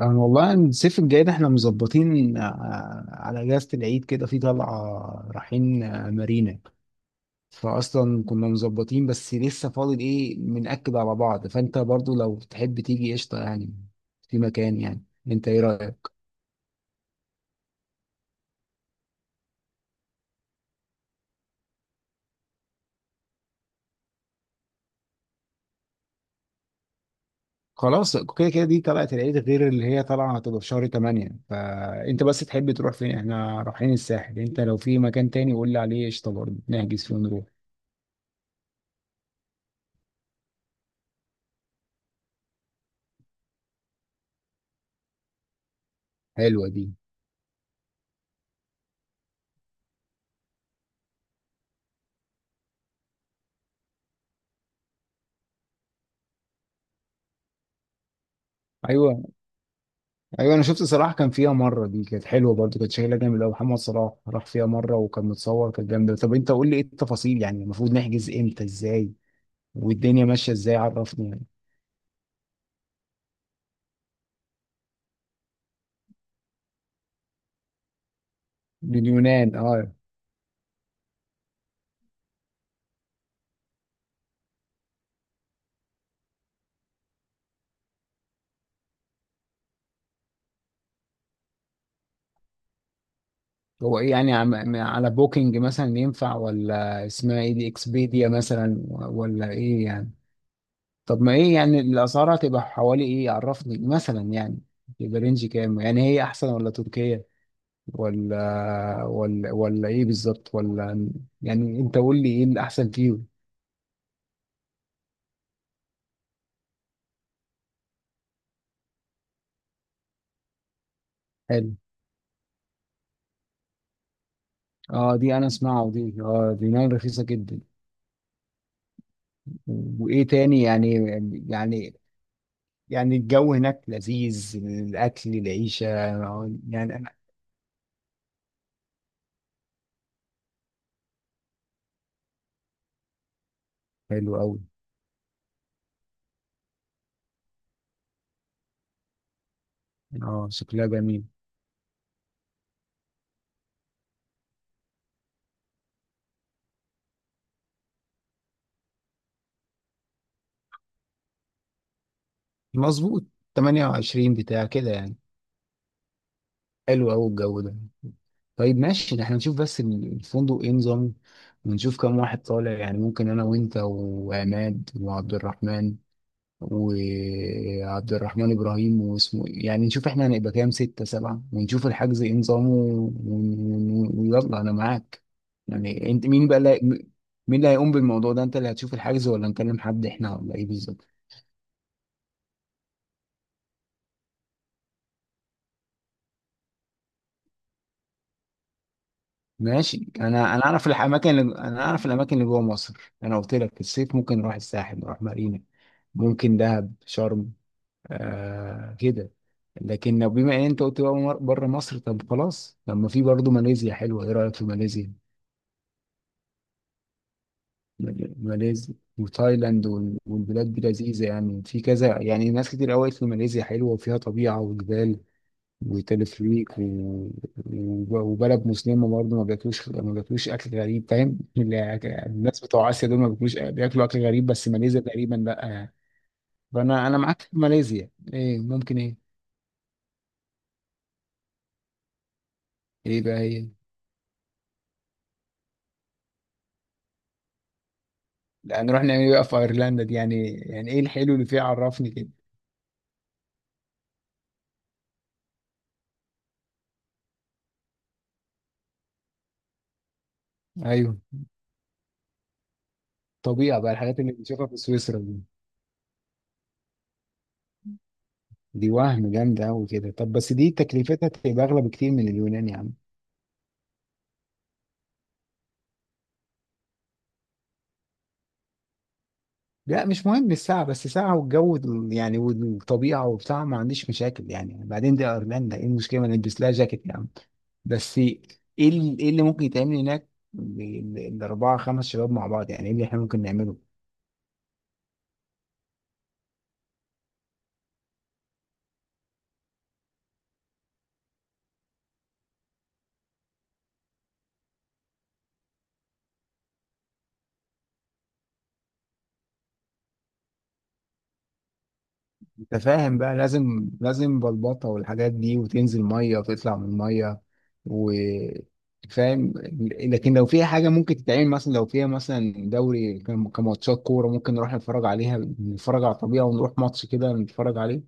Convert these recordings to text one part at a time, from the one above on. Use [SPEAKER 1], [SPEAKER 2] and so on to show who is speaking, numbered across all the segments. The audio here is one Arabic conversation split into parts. [SPEAKER 1] أنا والله الصيف الجاي ده احنا مظبطين على اجازة العيد كده في طلعة رايحين مارينا فاصلا. كنا مظبطين بس لسه فاضل ايه، بنأكد على بعض، فانت برضو لو تحب تيجي قشطة يعني في مكان. يعني انت ايه رأيك؟ خلاص، كده كده دي طلعة العيد غير اللي هي طالعة، هتبقى في شهر 8. فانت بس تحب تروح فين؟ احنا رايحين الساحل، انت لو في مكان تاني قول لي عليه قشطة، برضو نحجز فيه ونروح. حلوة دي. ايوه. ايوه، انا شفت صلاح كان فيها مره، دي كانت حلوه برضه، كانت شكلها جامد قوي. محمد صلاح راح فيها مره وكان متصور، كانت جامده. طب انت قول لي ايه التفاصيل، يعني المفروض نحجز امتى، ازاي والدنيا ماشيه ازاي، عرفني يعني. لليونان، اه. هو ايه يعني، على بوكينج مثلا ينفع، ولا اسمها ايه دي، اكسبيديا مثلا، ولا ايه يعني؟ طب ما ايه يعني الاسعار هتبقى حوالي ايه، عرفني مثلا يعني. يبقى رينج كام، يعني هي احسن ولا تركيا، ولا ولا ايه بالظبط، ولا؟ يعني انت قول لي ايه الاحسن فيه. حلو. اه دي انا اسمعها، ودي اه دي نار، رخيصه جدا. وايه تاني يعني، يعني يعني الجو هناك لذيذ، الاكل، العيشه، يعني انا. حلو قوي. اه شكلها جميل. مظبوط، 28 بتاع كده يعني. حلو قوي الجو ده. طيب ماشي، احنا نشوف بس الفندق ايه نظام ونشوف كم واحد طالع. يعني ممكن انا وانت وعماد وعبد الرحمن، وعبد الرحمن ابراهيم واسمه إيه، يعني نشوف احنا هنبقى كام، ستة سبعة، ونشوف الحجز ايه نظامه ويلا انا معاك. يعني انت مين بقى مين اللي هيقوم بالموضوع ده، انت اللي هتشوف الحجز ولا نكلم حد احنا، ولا ايه بالظبط؟ ماشي. انا اعرف الاماكن، اللي انا اعرف الاماكن اللي جوه مصر، انا قلت لك في الصيف ممكن نروح الساحل، نروح مارينا، ممكن دهب، شرم، آه كده. لكن لو بما ان انت قلت بقى بره مصر، طب خلاص، طب ما في برضه ماليزيا حلوه، ايه رايك في ماليزيا؟ ماليزيا وتايلاند والبلاد دي لذيذه يعني، في كذا، يعني ناس كتير قوي قالت لي ماليزيا حلوه وفيها طبيعه وجبال ويتلف ليك و... وبلد مسلمة برضه، ما بياكلوش أكل غريب، فاهم؟ الناس بتوع آسيا دول ما بياكلوش، بياكلوا أكل غريب، بس ماليزيا تقريبا لأ يعني. فأنا معاك في ماليزيا. إيه ممكن إيه؟ إيه بقى هي؟ لا نروح نعمل إيه بقى في أيرلندا دي؟ يعني يعني إيه الحلو اللي فيها، عرفني كده. أيوه. طبيعة بقى، الحاجات اللي بنشوفها في سويسرا دي وهم جامدة أوي كده. طب بس دي تكلفتها تبقى أغلى بكتير من اليونان يا عم. لا مش مهم الساعة، بس ساعة والجو يعني والطبيعة وبتاع، ما عنديش مشاكل يعني. بعدين دي أيرلندا، إيه المشكلة ما نلبس لها جاكيت يعني؟ بس إيه إيه اللي ممكن يتعمل هناك، الأربعة خمس شباب مع بعض، يعني إيه اللي إحنا ممكن نعمله؟ أنت فاهم بقى، لازم بلبطة والحاجات دي، وتنزل مية وتطلع من المية، و فاهم. لكن لو فيها حاجة ممكن تتعمل مثلا، لو فيها مثلا دوري كماتشات كورة، ممكن نروح نتفرج عليها، نتفرج على الطبيعة، ونروح ماتش كده نتفرج عليه،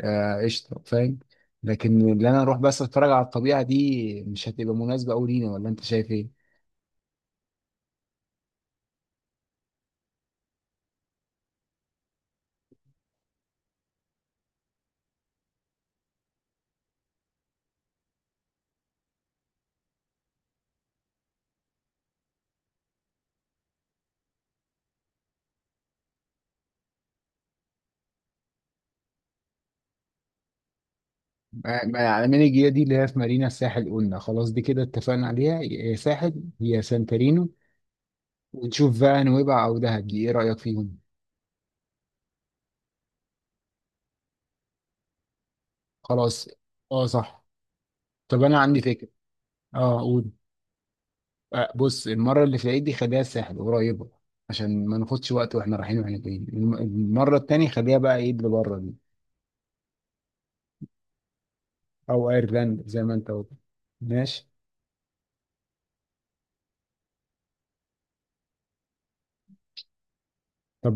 [SPEAKER 1] قشطه، فاهم. لكن اللي انا اروح بس اتفرج على الطبيعه دي، مش هتبقى مناسبه قوي لينا، ولا انت شايف ايه؟ يعني من الجيه دي اللي هي في مارينا الساحل، قلنا خلاص دي كده اتفقنا عليها، يا ساحل يا سانتارينو. ونشوف بقى نويبع او دهب، دي ايه رايك فيهم؟ خلاص. اه صح. طب انا عندي فكره. اه قول. آه بص، المره اللي في العيد دي خليها الساحل قريبه، عشان ما ناخدش وقت واحنا رايحين واحنا جايين. المره التانيه خليها بقى ايه اللي بره دي، او ايرلاند زي ما انت قلت. ماشي. طب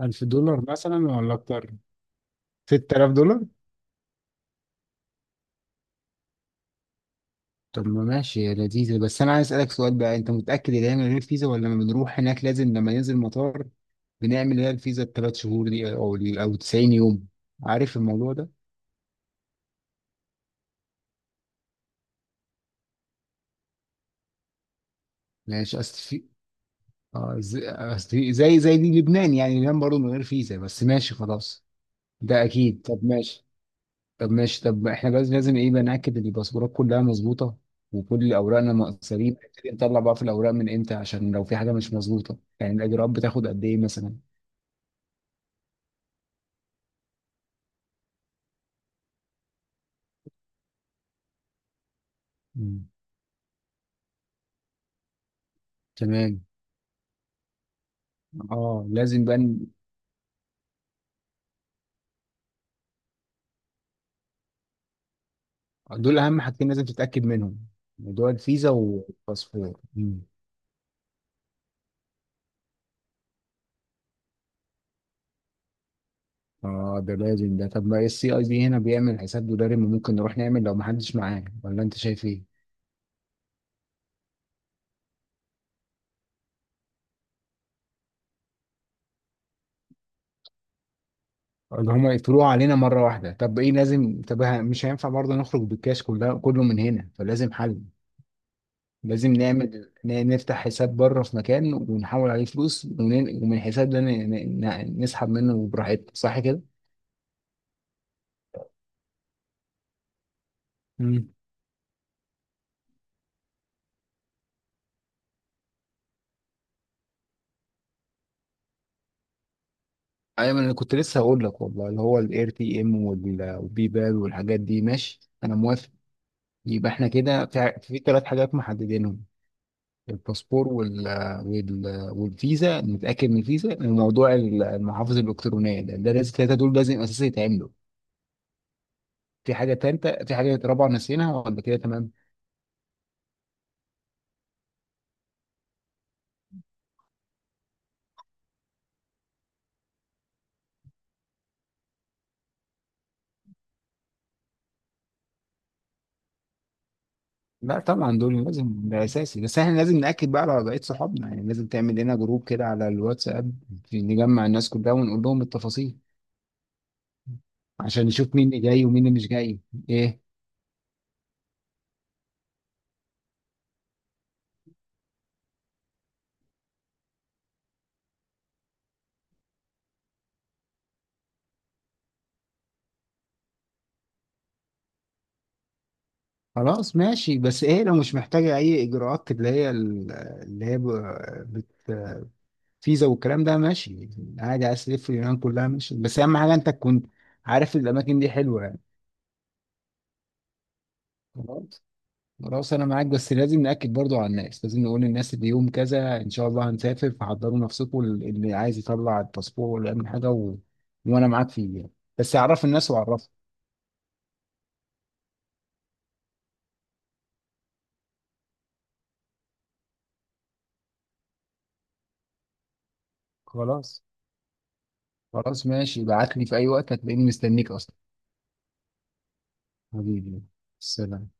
[SPEAKER 1] ألف دولار مثلا ولا أكتر؟ ستة آلاف دولار؟ طب ما ماشي يا لذيذة، بس أنا عايز أسألك سؤال بقى، أنت متأكد إن هي من غير فيزا، ولا لما بنروح هناك لازم لما ننزل المطار بنعمل اللي هي الفيزا التلات شهور دي، أو 90 يوم، عارف الموضوع ده؟ ماشي أصل في آه، زي أصل زي دي لبنان، يعني لبنان برضه من غير فيزا، بس ماشي خلاص. ده أكيد، طب ماشي. طب احنا بس لازم ايه بقى، ناكد ان الباسبورات كلها مظبوطه، وكل اوراقنا مقصرين نبتدي نطلع بقى في الاوراق من امتى، عشان لو في حاجه مش مظبوطه، يعني الاجراءات بتاخد قد ايه مثلا؟ مم. تمام. اه لازم بقى دول اهم حاجتين لازم تتاكد منهم، موضوع الفيزا والباسبور. مم. اه ده لازم ده. طب ما السي اي بي هنا بيعمل حساب دولاري، ما ممكن نروح نعمل لو ما حدش معاه، ولا انت شايف ايه اللي هما يقفلوها علينا مره واحده؟ طب ايه لازم، طب مش هينفع برضه نخرج بالكاش كلها، كله من هنا، فلازم حل. لازم نعمل نفتح حساب بره في مكان، ونحول عليه فلوس، ومن الحساب ده نسحب منه براحتنا، صح كده؟ مم. ايوه، ما انا كنت لسه هقول لك والله اللي هو الاير تي ام والبي بال والحاجات دي، ماشي انا موافق. يبقى احنا كده في ثلاث حاجات محددينهم، الباسبور وال والفيزا، نتاكد من الفيزا، وموضوع المحافظ الالكترونيه، ده لازم الثلاثه دول لازم اساسي يتعملوا. في حاجه ثالثه، في حاجه رابعه، نسيناها ولا كده تمام؟ لا طبعا دول لازم، ده اساسي، بس احنا لازم ناكد بقى على وضعيه صحابنا، يعني لازم تعمل لنا جروب كده على الواتساب، نجمع الناس كلها ونقول لهم التفاصيل، عشان نشوف مين اللي جاي ومين اللي مش جاي. ايه؟ خلاص ماشي، بس ايه لو مش محتاجه اي اجراءات، اللي هي اللي هي بت- فيزا والكلام ده، ماشي عادي، عايز تلف اليونان كلها ماشي، بس اهم حاجه انت تكون عارف الاماكن دي حلوه يعني. خلاص. خلاص انا معاك، بس لازم ناكد برضو على الناس، لازم نقول للناس ان يوم كذا ان شاء الله هنسافر، فحضروا نفسكم اللي عايز يطلع الباسبور ولا يعمل حاجه و... وانا معاك فيه يعني. بس اعرف الناس واعرفها. خلاص. خلاص ماشي، ابعت لي في اي وقت هتلاقيني مستنيك اصلا. حبيبي، سلام.